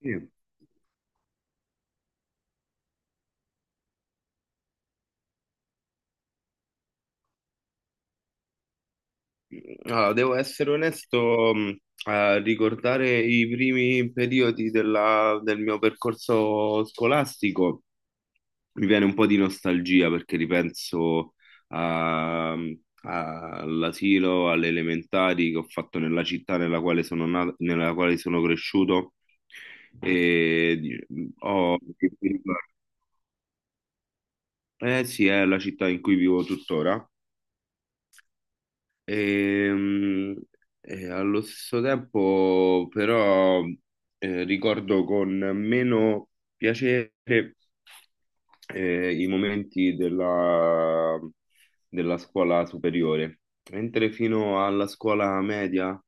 Sì. Allora, devo essere onesto. A ricordare i primi periodi del mio percorso scolastico mi viene un po' di nostalgia, perché ripenso a- mm, all'asilo, alle elementari che ho fatto nella città nella quale sono nato, nella quale sono cresciuto e di- ho... Eh sì, è la città in cui vivo tuttora. Ehm, E, allo stesso tempo, però, ricordo con meno piacere i momenti della scuola superiore, mentre fino alla scuola media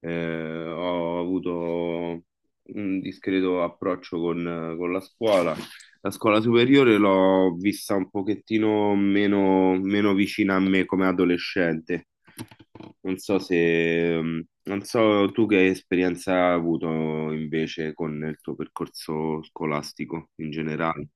ho avuto un discreto approccio con la scuola. La scuola superiore l'ho vista un pochettino meno vicina a me come adolescente. Non so tu che esperienza hai avuto invece con il tuo percorso scolastico in generale.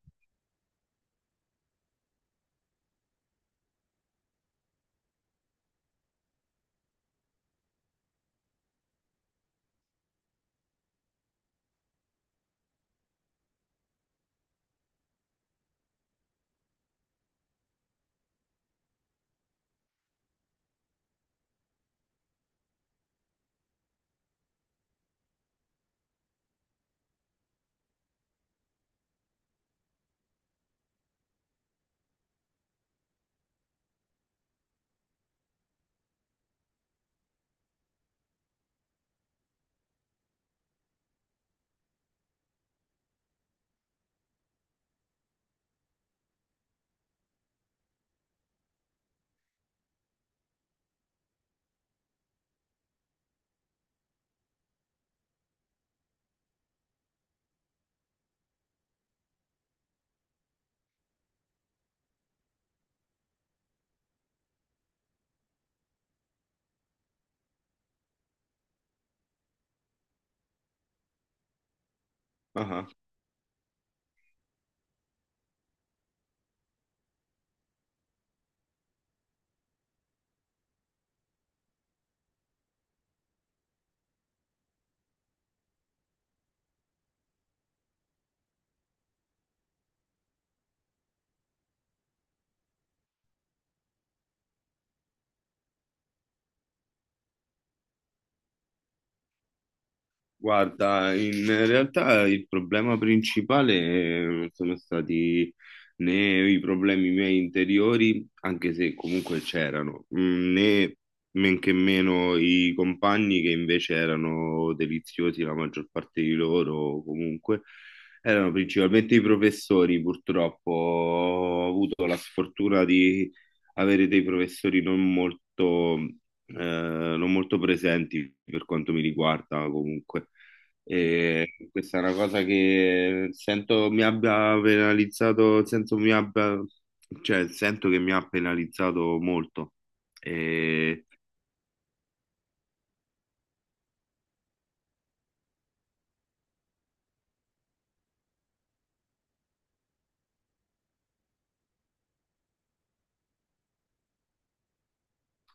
Guarda, in realtà il problema principale non sono stati né i problemi miei interiori, anche se comunque c'erano, né men che meno i compagni, che invece erano deliziosi, la maggior parte di loro comunque. Erano principalmente i professori. Purtroppo ho avuto la sfortuna di avere dei professori eh, non molto presenti, per quanto mi riguarda comunque. E questa è una cosa che sento mi abbia penalizzato, cioè sento che mi ha penalizzato molto. E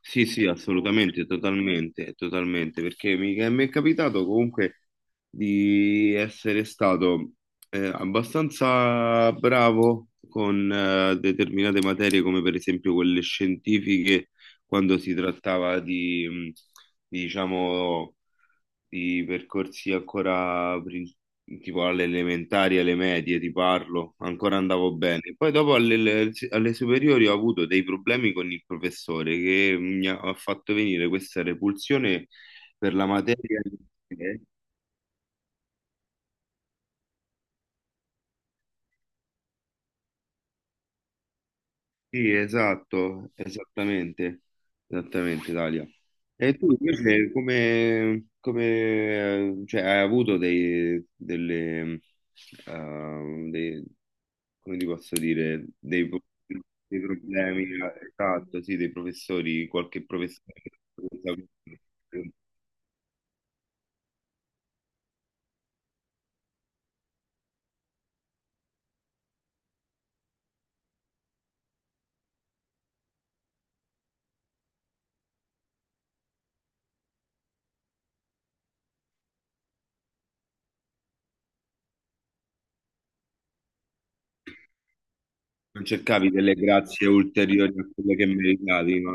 sì, sì, assolutamente, totalmente, totalmente, perché mi è capitato comunque di essere stato abbastanza bravo con determinate materie, come per esempio quelle scientifiche, quando si trattava diciamo di percorsi ancora tipo alle elementari, alle medie, ti parlo, ancora andavo bene. Poi dopo alle superiori ho avuto dei problemi con il professore che mi ha fatto venire questa repulsione per la materia. Sì, esatto, esattamente, esattamente, Dalia. E tu invece come, cioè, hai avuto eh, dei- come ti posso dire, dei problemi, esatto, sì, dei professori, qualche professore che. Non cercavi delle grazie ulteriori a quelle che meritavi, no?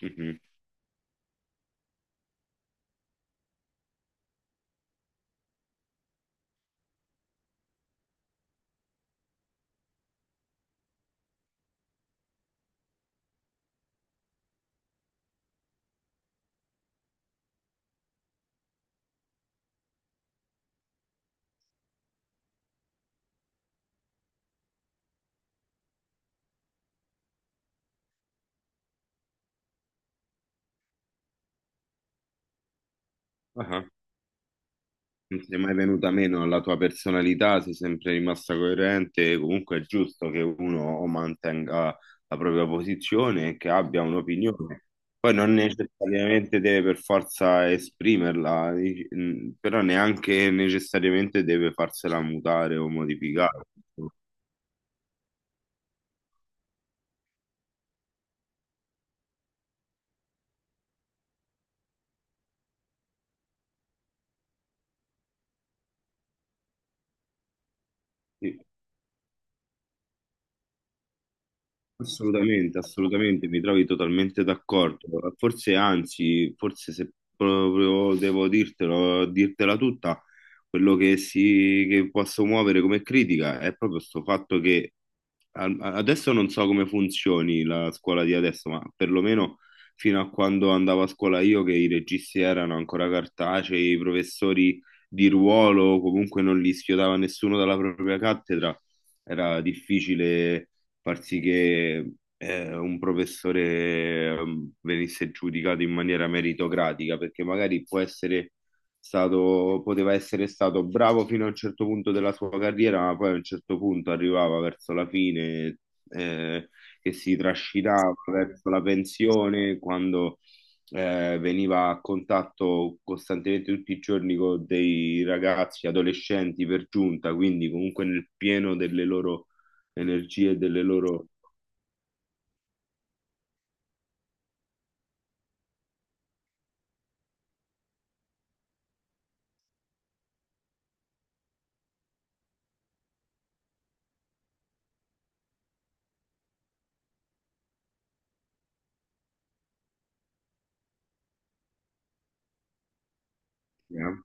Mhm. Non ti è mai venuta meno la tua personalità, sei sempre rimasta coerente, e comunque è giusto che uno o mantenga la propria posizione e che abbia un'opinione. Poi non necessariamente deve per forza esprimerla, però neanche necessariamente deve farsela mutare o modificare. Sì. Assolutamente, assolutamente, mi trovi totalmente d'accordo. Forse, anzi, forse se proprio devo dirtela tutta, quello che, si, che posso muovere come critica è proprio sto fatto che, adesso non so come funzioni la scuola di adesso, ma perlomeno fino a quando andavo a scuola io, che i registi erano ancora cartacei, i professori di ruolo comunque non li schiodava nessuno dalla propria cattedra. Era difficile far sì che un professore venisse giudicato in maniera meritocratica, perché magari poteva essere stato bravo fino a un certo punto della sua carriera, ma poi a un certo punto arrivava verso la fine, eh, che si trascinava verso la pensione, quando veniva a contatto costantemente tutti i giorni con dei ragazzi, adolescenti per giunta, quindi comunque nel pieno delle loro energie e delle loro... eh,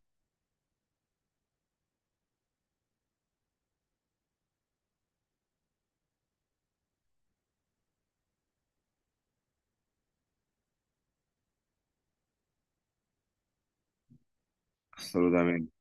Assolutamente.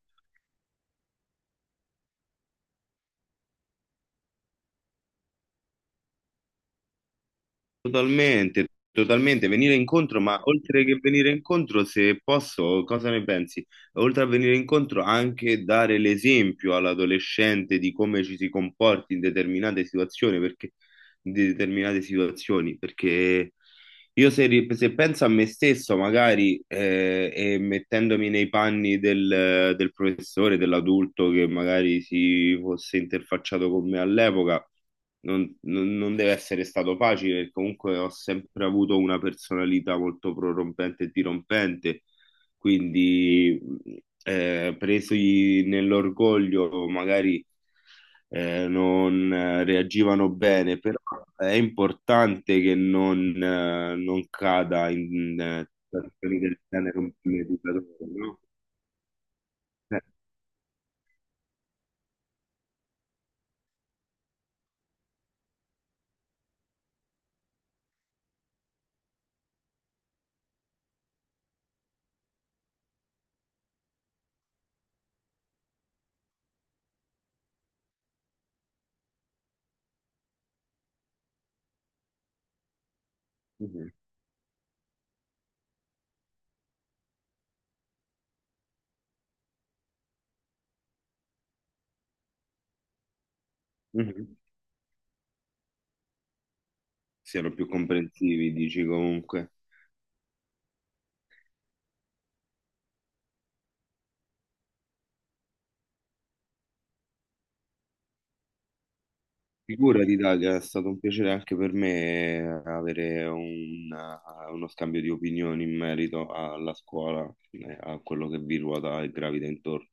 Totalmente, totalmente, venire incontro, ma oltre che venire incontro, se posso, cosa ne pensi? Oltre a venire incontro, anche dare l'esempio all'adolescente di come ci si comporti in determinate situazioni, perché, in determinate situazioni, perché io, se penso a me stesso, magari, e mettendomi nei panni del professore, dell'adulto che magari si fosse interfacciato con me all'epoca, non deve essere stato facile, perché comunque ho sempre avuto una personalità molto prorompente e dirompente, quindi presi nell'orgoglio magari non reagivano bene, però è importante che non cada in situazioni del genere un educatore, no? Eh, mhm, mhm. Siano più comprensivi, dici comunque. Figurati, Dalia, è stato un piacere anche per me avere uno scambio di opinioni in merito alla scuola, a quello che vi ruota e gravita intorno.